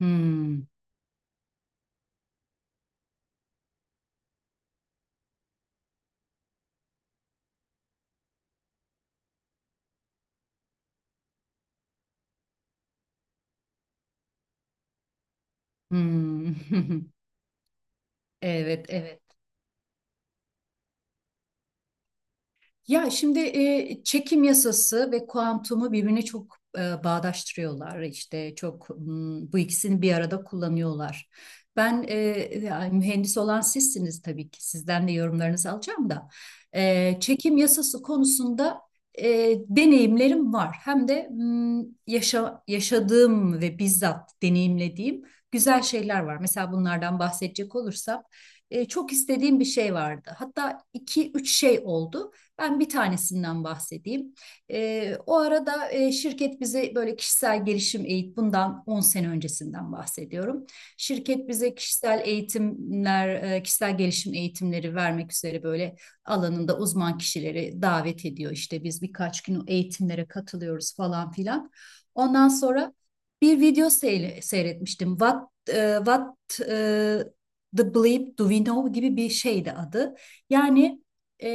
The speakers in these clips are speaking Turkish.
Hmm, hmm. Evet, evet. Ya şimdi çekim yasası ve kuantumu birbirine çok bağdaştırıyorlar. İşte çok bu ikisini bir arada kullanıyorlar. Ben e, yani mühendis olan sizsiniz tabii ki. Sizden de yorumlarınızı alacağım da. Çekim yasası konusunda e, deneyimlerim var. Hem de yaşadığım ve bizzat deneyimlediğim güzel şeyler var. Mesela bunlardan bahsedecek olursam çok istediğim bir şey vardı. Hatta iki üç şey oldu. Ben bir tanesinden bahsedeyim. O arada şirket bize böyle kişisel gelişim eğitim, bundan 10 sene öncesinden bahsediyorum. Şirket bize kişisel eğitimler, kişisel gelişim eğitimleri vermek üzere böyle alanında uzman kişileri davet ediyor. İşte biz birkaç gün eğitimlere katılıyoruz falan filan. Ondan sonra bir video seyretmiştim. What the bleep do we know gibi bir şeydi adı. Yani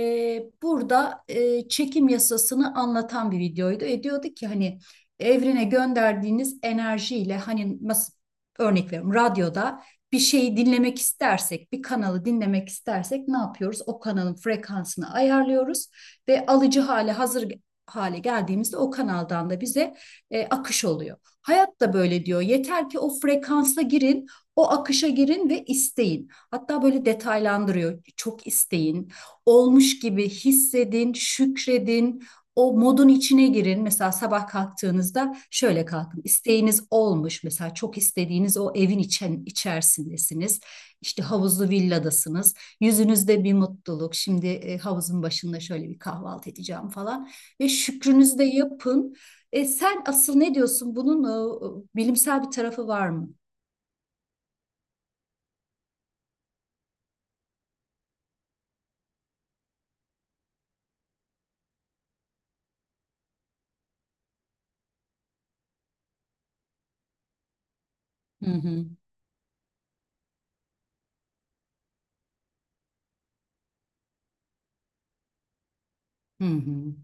burada çekim yasasını anlatan bir videoydu. Diyordu ki hani evrene gönderdiğiniz enerjiyle, hani nasıl, örnek veriyorum, radyoda bir şeyi dinlemek istersek, bir kanalı dinlemek istersek ne yapıyoruz? O kanalın frekansını ayarlıyoruz ve alıcı hale hazır hale geldiğimizde o kanaldan da bize akış oluyor. Hayat da böyle diyor. Yeter ki o frekansa girin, o akışa girin ve isteyin. Hatta böyle detaylandırıyor. Çok isteyin, olmuş gibi hissedin, şükredin. O modun içine girin. Mesela sabah kalktığınızda şöyle kalkın. İsteğiniz olmuş. Mesela çok istediğiniz o evin içerisindesiniz. İşte havuzlu villadasınız. Yüzünüzde bir mutluluk. Şimdi havuzun başında şöyle bir kahvaltı edeceğim falan. Ve şükrünüzü de yapın. Sen asıl ne diyorsun? Bunun bilimsel bir tarafı var mı? Hı hı. Hı hı.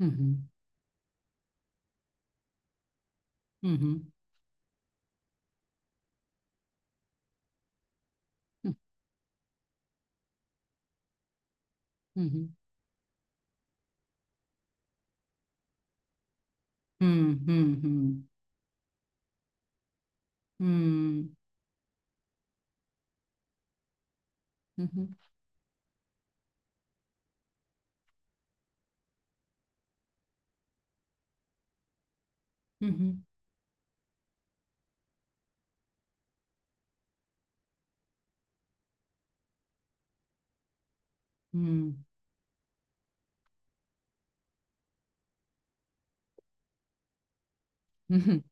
Hı hı. Hı hı. Hı hı. Hı hı. Hı hı. Hmm. Hı hı. Hı hı. Hmm. Hı hı.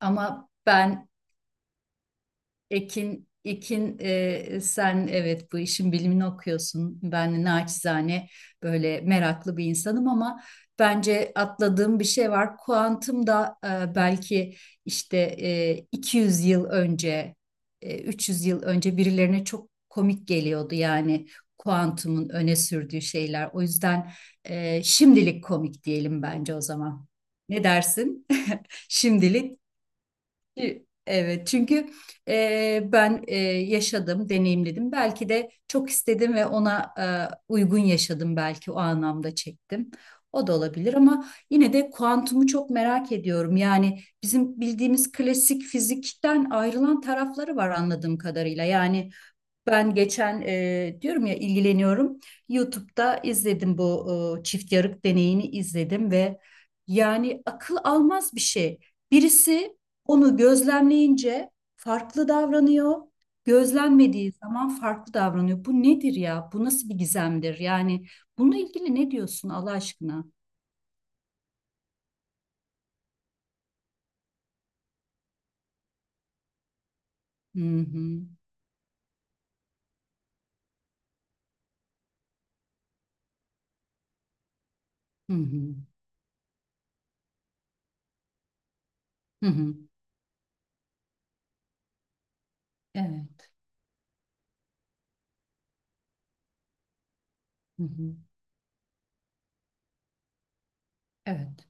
Ama ben Ekin, sen evet bu işin bilimini okuyorsun. Ben naçizane böyle meraklı bir insanım ama bence atladığım bir şey var. Kuantum da belki işte 200 yıl önce, 300 yıl önce birilerine çok komik geliyordu, yani kuantumun öne sürdüğü şeyler. O yüzden şimdilik komik diyelim bence o zaman. Ne dersin? Şimdilik, evet, çünkü ben yaşadım, deneyimledim. Belki de çok istedim ve ona uygun yaşadım, belki o anlamda çektim. O da olabilir ama yine de kuantumu çok merak ediyorum. Yani bizim bildiğimiz klasik fizikten ayrılan tarafları var anladığım kadarıyla. Yani ben geçen, diyorum ya, ilgileniyorum. YouTube'da izledim bu çift yarık deneyini izledim ve yani akıl almaz bir şey. Birisi onu gözlemleyince farklı davranıyor. Gözlenmediği zaman farklı davranıyor. Bu nedir ya? Bu nasıl bir gizemdir? Yani bununla ilgili ne diyorsun Allah aşkına? Hı hı. Hı hı. Hı hı. Evet. Hı hı. Evet.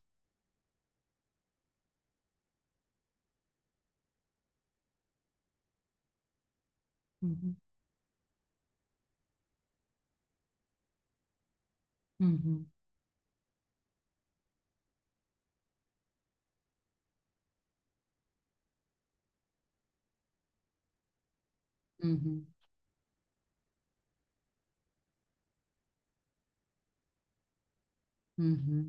Hı hı. Hı hı. Hı hı. Hı hı.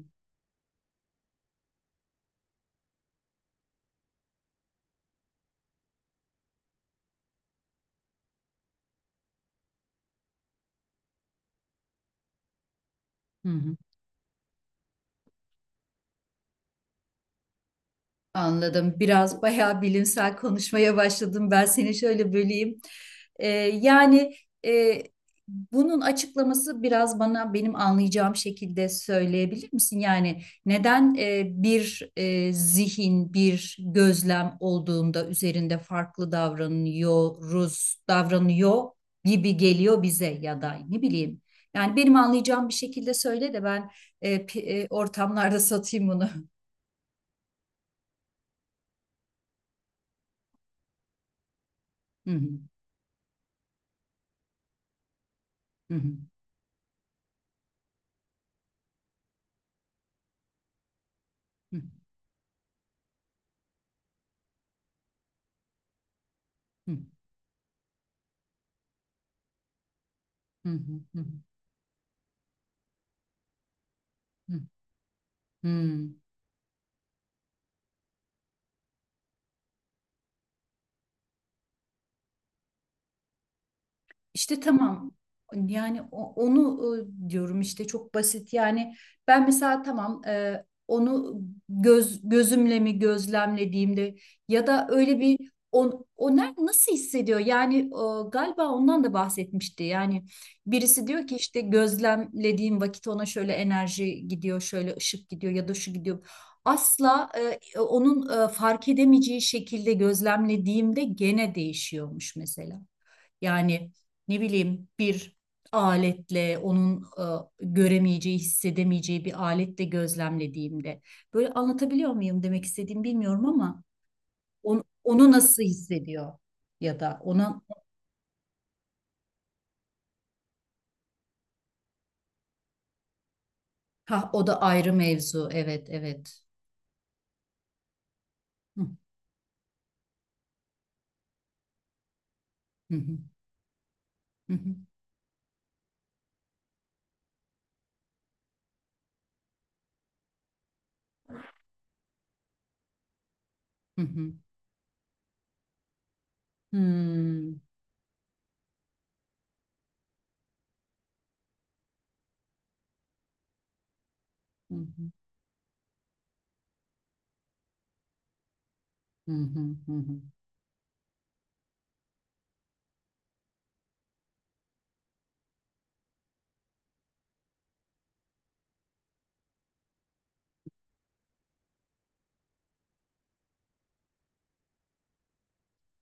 Hı hı. Anladım. Biraz bayağı bilimsel konuşmaya başladım. Ben seni şöyle böleyim. Ee, yani e, bunun açıklaması biraz bana, benim anlayacağım şekilde söyleyebilir misin? Yani neden bir zihin, bir gözlem olduğunda üzerinde farklı davranıyoruz, davranıyor gibi geliyor bize, ya da ne bileyim. Yani benim anlayacağım bir şekilde söyle de ben e, pi- ortamlarda satayım bunu. Hı hı, hı hı, hı. Hı hı hı hı hı. Hı. İşte tamam, yani onu, diyorum işte çok basit, yani ben mesela tamam onu gözümle mi gözlemlediğimde, ya da öyle bir o nasıl hissediyor yani, galiba ondan da bahsetmişti, yani birisi diyor ki işte gözlemlediğim vakit ona şöyle enerji gidiyor, şöyle ışık gidiyor, ya da şu gidiyor, asla onun fark edemeyeceği şekilde gözlemlediğimde gene değişiyormuş mesela. Yani, ne bileyim, bir aletle, onun göremeyeceği, hissedemeyeceği bir aletle gözlemlediğimde. Böyle anlatabiliyor muyum demek istediğimi, bilmiyorum ama onu nasıl hissediyor ya da ona, ha o da ayrı mevzu. Evet, evet. Hı hı hı hı hı hı. Hmm, hı hı, hı hı, hı hı.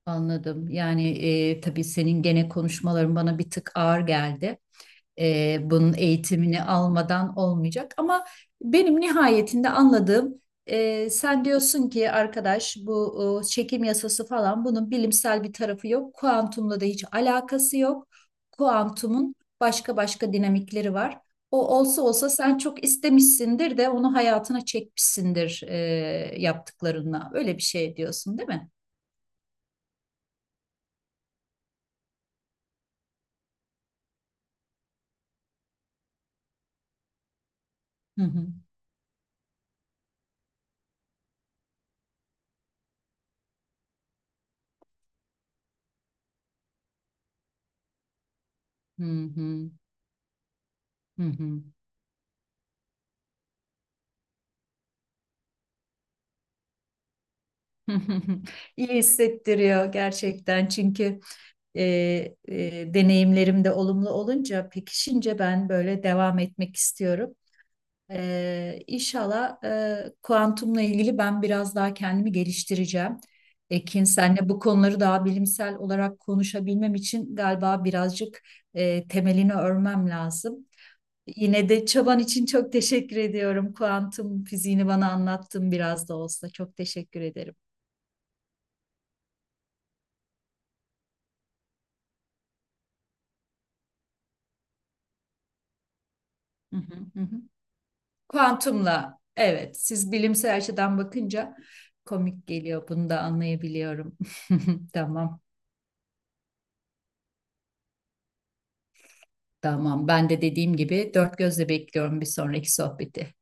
Anladım. Yani tabii senin gene konuşmaların bana bir tık ağır geldi. Bunun eğitimini almadan olmayacak. Ama benim nihayetinde anladığım, sen diyorsun ki arkadaş bu çekim yasası falan, bunun bilimsel bir tarafı yok. Kuantumla da hiç alakası yok. Kuantumun başka başka dinamikleri var. O olsa olsa sen çok istemişsindir de onu hayatına çekmişsindir yaptıklarınla. Öyle bir şey diyorsun, değil mi? Hı hı. Hı hı. Hı hı. İyi hissettiriyor gerçekten çünkü e, deneyimlerim de olumlu olunca, pekişince ben böyle devam etmek istiyorum. İnşallah kuantumla ilgili ben biraz daha kendimi geliştireceğim. Ekin, senle bu konuları daha bilimsel olarak konuşabilmem için galiba birazcık temelini örmem lazım. Yine de çaban için çok teşekkür ediyorum. Kuantum fiziğini bana anlattın biraz da olsa. Çok teşekkür ederim. Hı hı, hı hı. Kuantumla, evet, siz bilimsel açıdan bakınca komik geliyor, bunu da anlayabiliyorum. Tamam, tamam, ben de dediğim gibi dört gözle bekliyorum bir sonraki sohbeti.